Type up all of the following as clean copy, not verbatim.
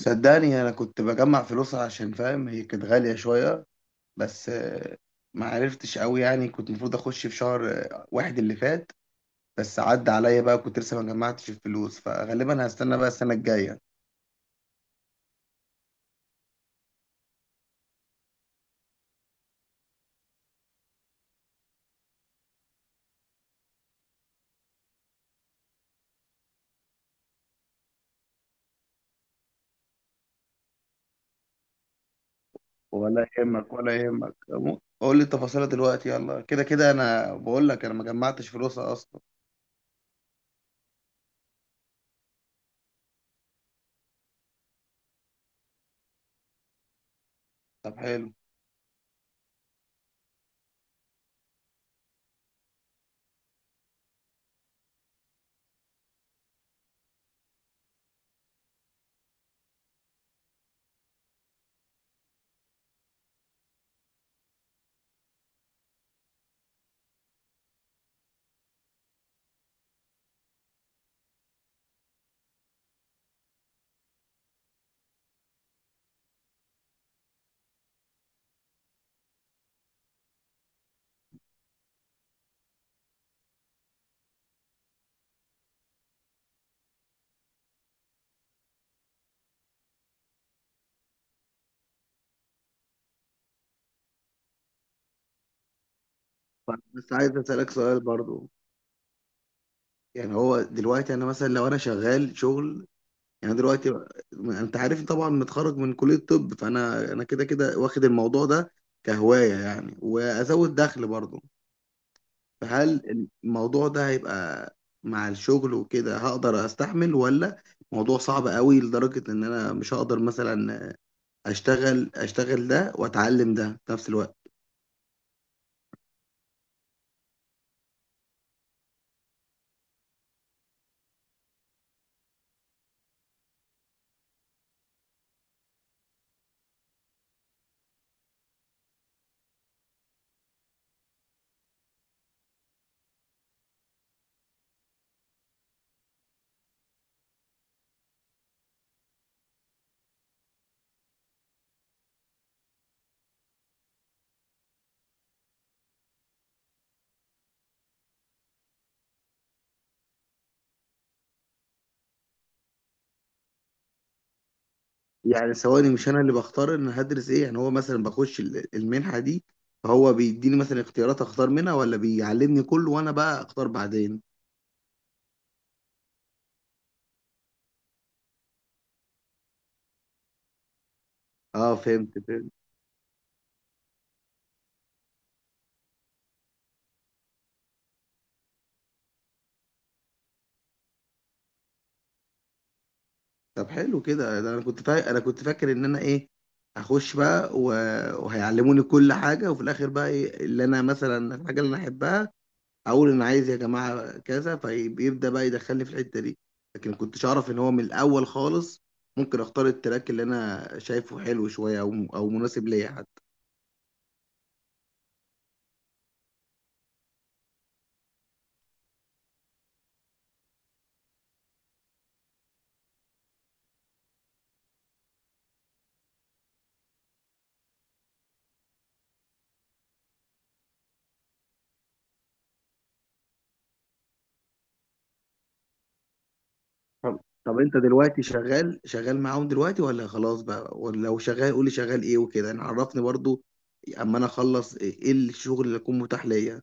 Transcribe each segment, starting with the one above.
صدقني انا كنت بجمع فلوس عشان فاهم، هي كانت غالية شوية. بس ما عرفتش قوي. يعني كنت المفروض اخش في شهر واحد اللي فات، بس عدى عليا بقى، كنت لسه ما جمعتش الفلوس، فغالبا هستنى بقى السنة الجاية. ولا يهمك ولا يهمك، قول لي التفاصيل دلوقتي يلا، كده كده انا بقول لك انا ما جمعتش فلوسها اصلا. طب حلو. طب بس عايز اسالك سؤال برضو، يعني هو دلوقتي انا مثلا لو انا شغال شغل، يعني دلوقتي انت عارفني طبعا متخرج من كلية الطب، فانا كده كده واخد الموضوع ده كهواية يعني، وازود دخل برضه. فهل الموضوع ده هيبقى مع الشغل وكده هقدر استحمل، ولا موضوع صعب قوي لدرجة ان انا مش هقدر مثلا اشتغل ده واتعلم ده في نفس الوقت؟ يعني ثواني، مش انا اللي بختار ان هدرس ايه؟ يعني هو مثلا بخش المنحة دي، فهو بيديني مثلا اختيارات اختار منها، ولا بيعلمني كله وانا بقى اختار بعدين؟ اه فهمت فهمت. طب حلو كده. ده انا كنت، طيب انا كنت فاكر ان انا ايه، هخش بقى وهيعلموني كل حاجه، وفي الاخر بقى إيه اللي انا مثلا الحاجه اللي انا احبها اقول انا عايز يا جماعه كذا، فبيبدا بقى يدخلني في الحته دي. لكن كنتش اعرف ان هو من الاول خالص ممكن اختار التراك اللي انا شايفه حلو شويه او مناسب ليا حتى. طب طب، انت دلوقتي شغال شغال معاهم دلوقتي ولا خلاص بقى؟ ولا لو شغال قولي شغال ايه وكده يعني، عرفني برضو اما انا اخلص ايه إيه الشغل اللي يكون متاح ليا.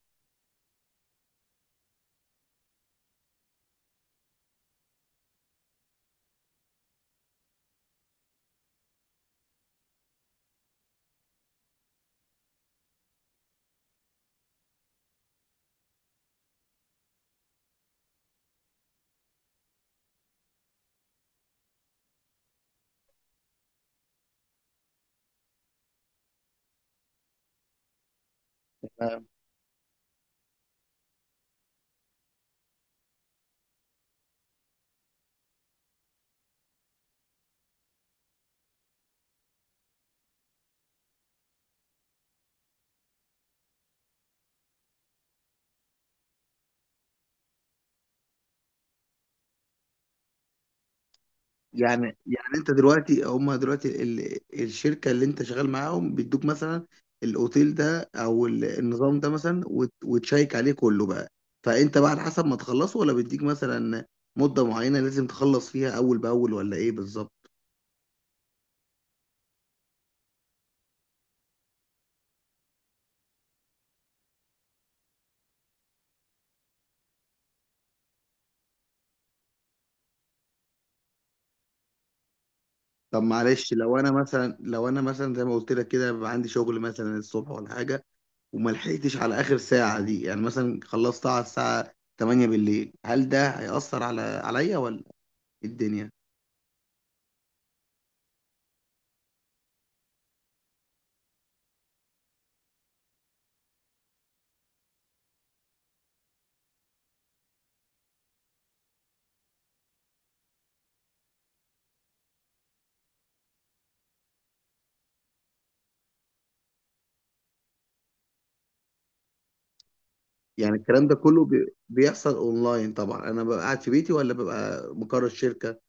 يعني يعني انت دلوقتي هم دلوقتي الشركه اللي انت شغال معاهم بيدوك مثلا الاوتيل ده او النظام ده مثلا وتشيك عليه كله بقى، فانت بقى على حسب ما تخلصه، ولا بيديك مثلا مده معينه لازم تخلص فيها اول باول، ولا ايه بالظبط؟ طب معلش، لو انا مثلا، لو انا مثلا زي ما قلت لك كده، بيبقى عندي شغل مثلا الصبح ولا حاجه، وما لحقتش على اخر ساعه دي، يعني مثلا خلصتها على الساعه 8 بالليل، هل ده هيأثر على عليا ولا إيه الدنيا؟ يعني الكلام ده كله بيحصل اونلاين طبعا؟ انا ببقى قاعد في بيتي ولا ببقى مقر الشركه؟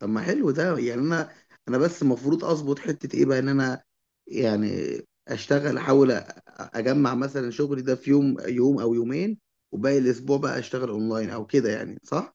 طب ما حلو ده يعني. انا بس المفروض اظبط حته ايه بقى، ان انا يعني اشتغل، احاول اجمع مثلا شغلي ده في يوم يوم او يومين، وباقي الاسبوع بقى اشتغل اونلاين او كده يعني، صح؟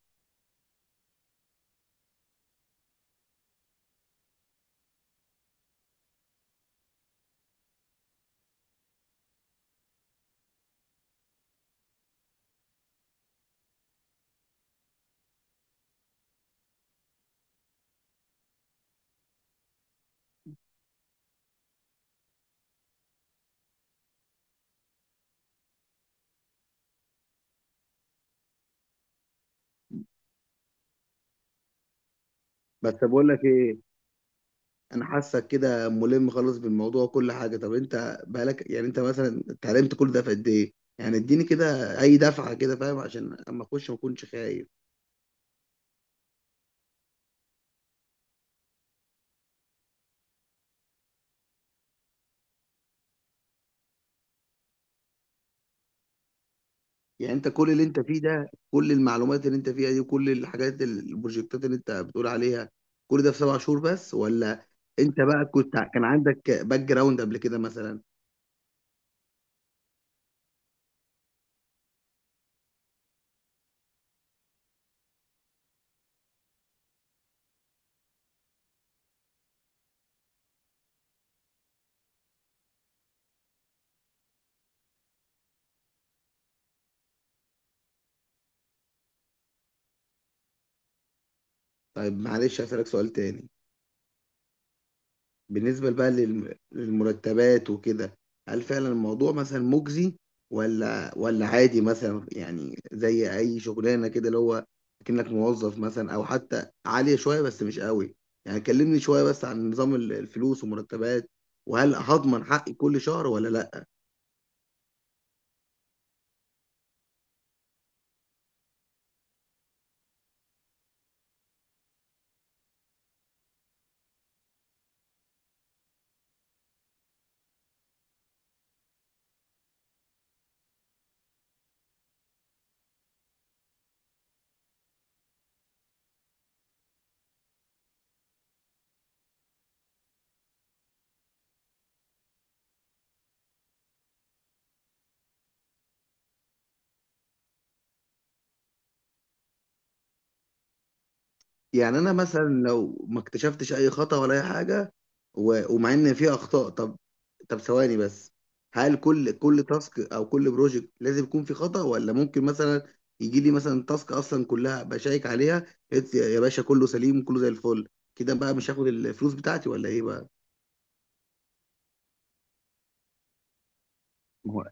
بس بقول لك ايه، انا حاسك كده ملم خالص بالموضوع وكل حاجه. طب انت بقالك يعني، انت مثلا اتعلمت كل ده في قد ايه؟ يعني اديني كده اي دفعه كده فاهم، عشان اما اخش ما اكونش خايف. يعني انت كل اللي انت فيه ده، كل المعلومات اللي انت فيها دي وكل الحاجات البروجكتات اللي انت بتقول عليها، كل ده في 7 شهور بس، ولا انت بقى كنت كان عندك باك جراوند قبل كده مثلا؟ طيب معلش هسألك سؤال تاني. بالنسبة بقى للمرتبات وكده، هل فعلا الموضوع مثلا مجزي، ولا عادي مثلا يعني زي أي شغلانة كده، اللي هو كأنك موظف مثلا، أو حتى عالية شوية بس مش قوي؟ يعني كلمني شوية بس عن نظام الفلوس ومرتبات، وهل هضمن حقي كل شهر ولا لا؟ يعني انا مثلا لو ما اكتشفتش اي خطأ ولا اي حاجه، ومع ان في اخطاء، طب، طب ثواني بس، هل كل كل تاسك او كل بروجكت لازم يكون في خطأ، ولا ممكن مثلا يجي لي مثلا تاسك اصلا كلها بشيك عليها، قلت يا يا باشا كله سليم كله زي الفل، كده بقى مش هاخد الفلوس بتاعتي ولا ايه بقى؟ ما هو،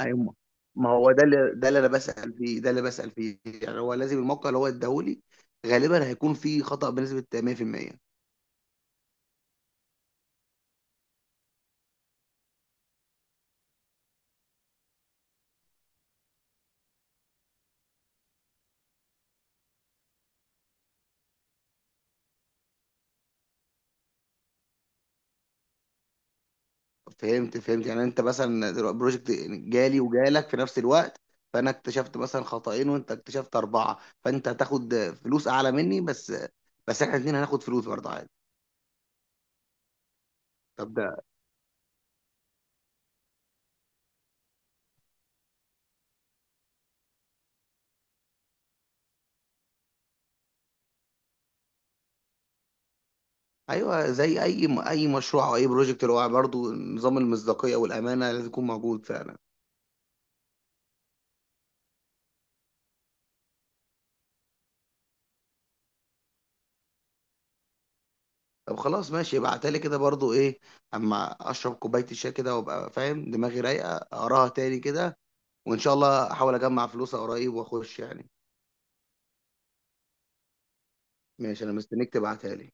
ايوه، ما هو ده اللي، ده اللي انا بسأل فيه، ده اللي بسأل فيه، يعني هو لازم الموقع اللي هو اداهولي غالبا هيكون فيه خطأ بنسبة 100%؟ فهمت فهمت. يعني انت مثلا دلوقتي بروجكت جالي وجالك في نفس الوقت، فانا اكتشفت مثلا خطأين وانت اكتشفت اربعه، فانت هتاخد فلوس اعلى مني، بس احنا الاثنين هناخد فلوس برضه عادي؟ طب ده، ايوه، زي اي اي مشروع او اي بروجكت، اللي هو برضه نظام المصداقيه والامانه لازم يكون موجود فعلا. طب خلاص ماشي، ابعتلي كده برضه ايه، اما اشرب كوبايه الشاي كده وابقى فاهم، دماغي رايقه اقراها تاني كده، وان شاء الله احاول اجمع فلوسها قريب واخش يعني. ماشي انا مستنيك تبعتها لي.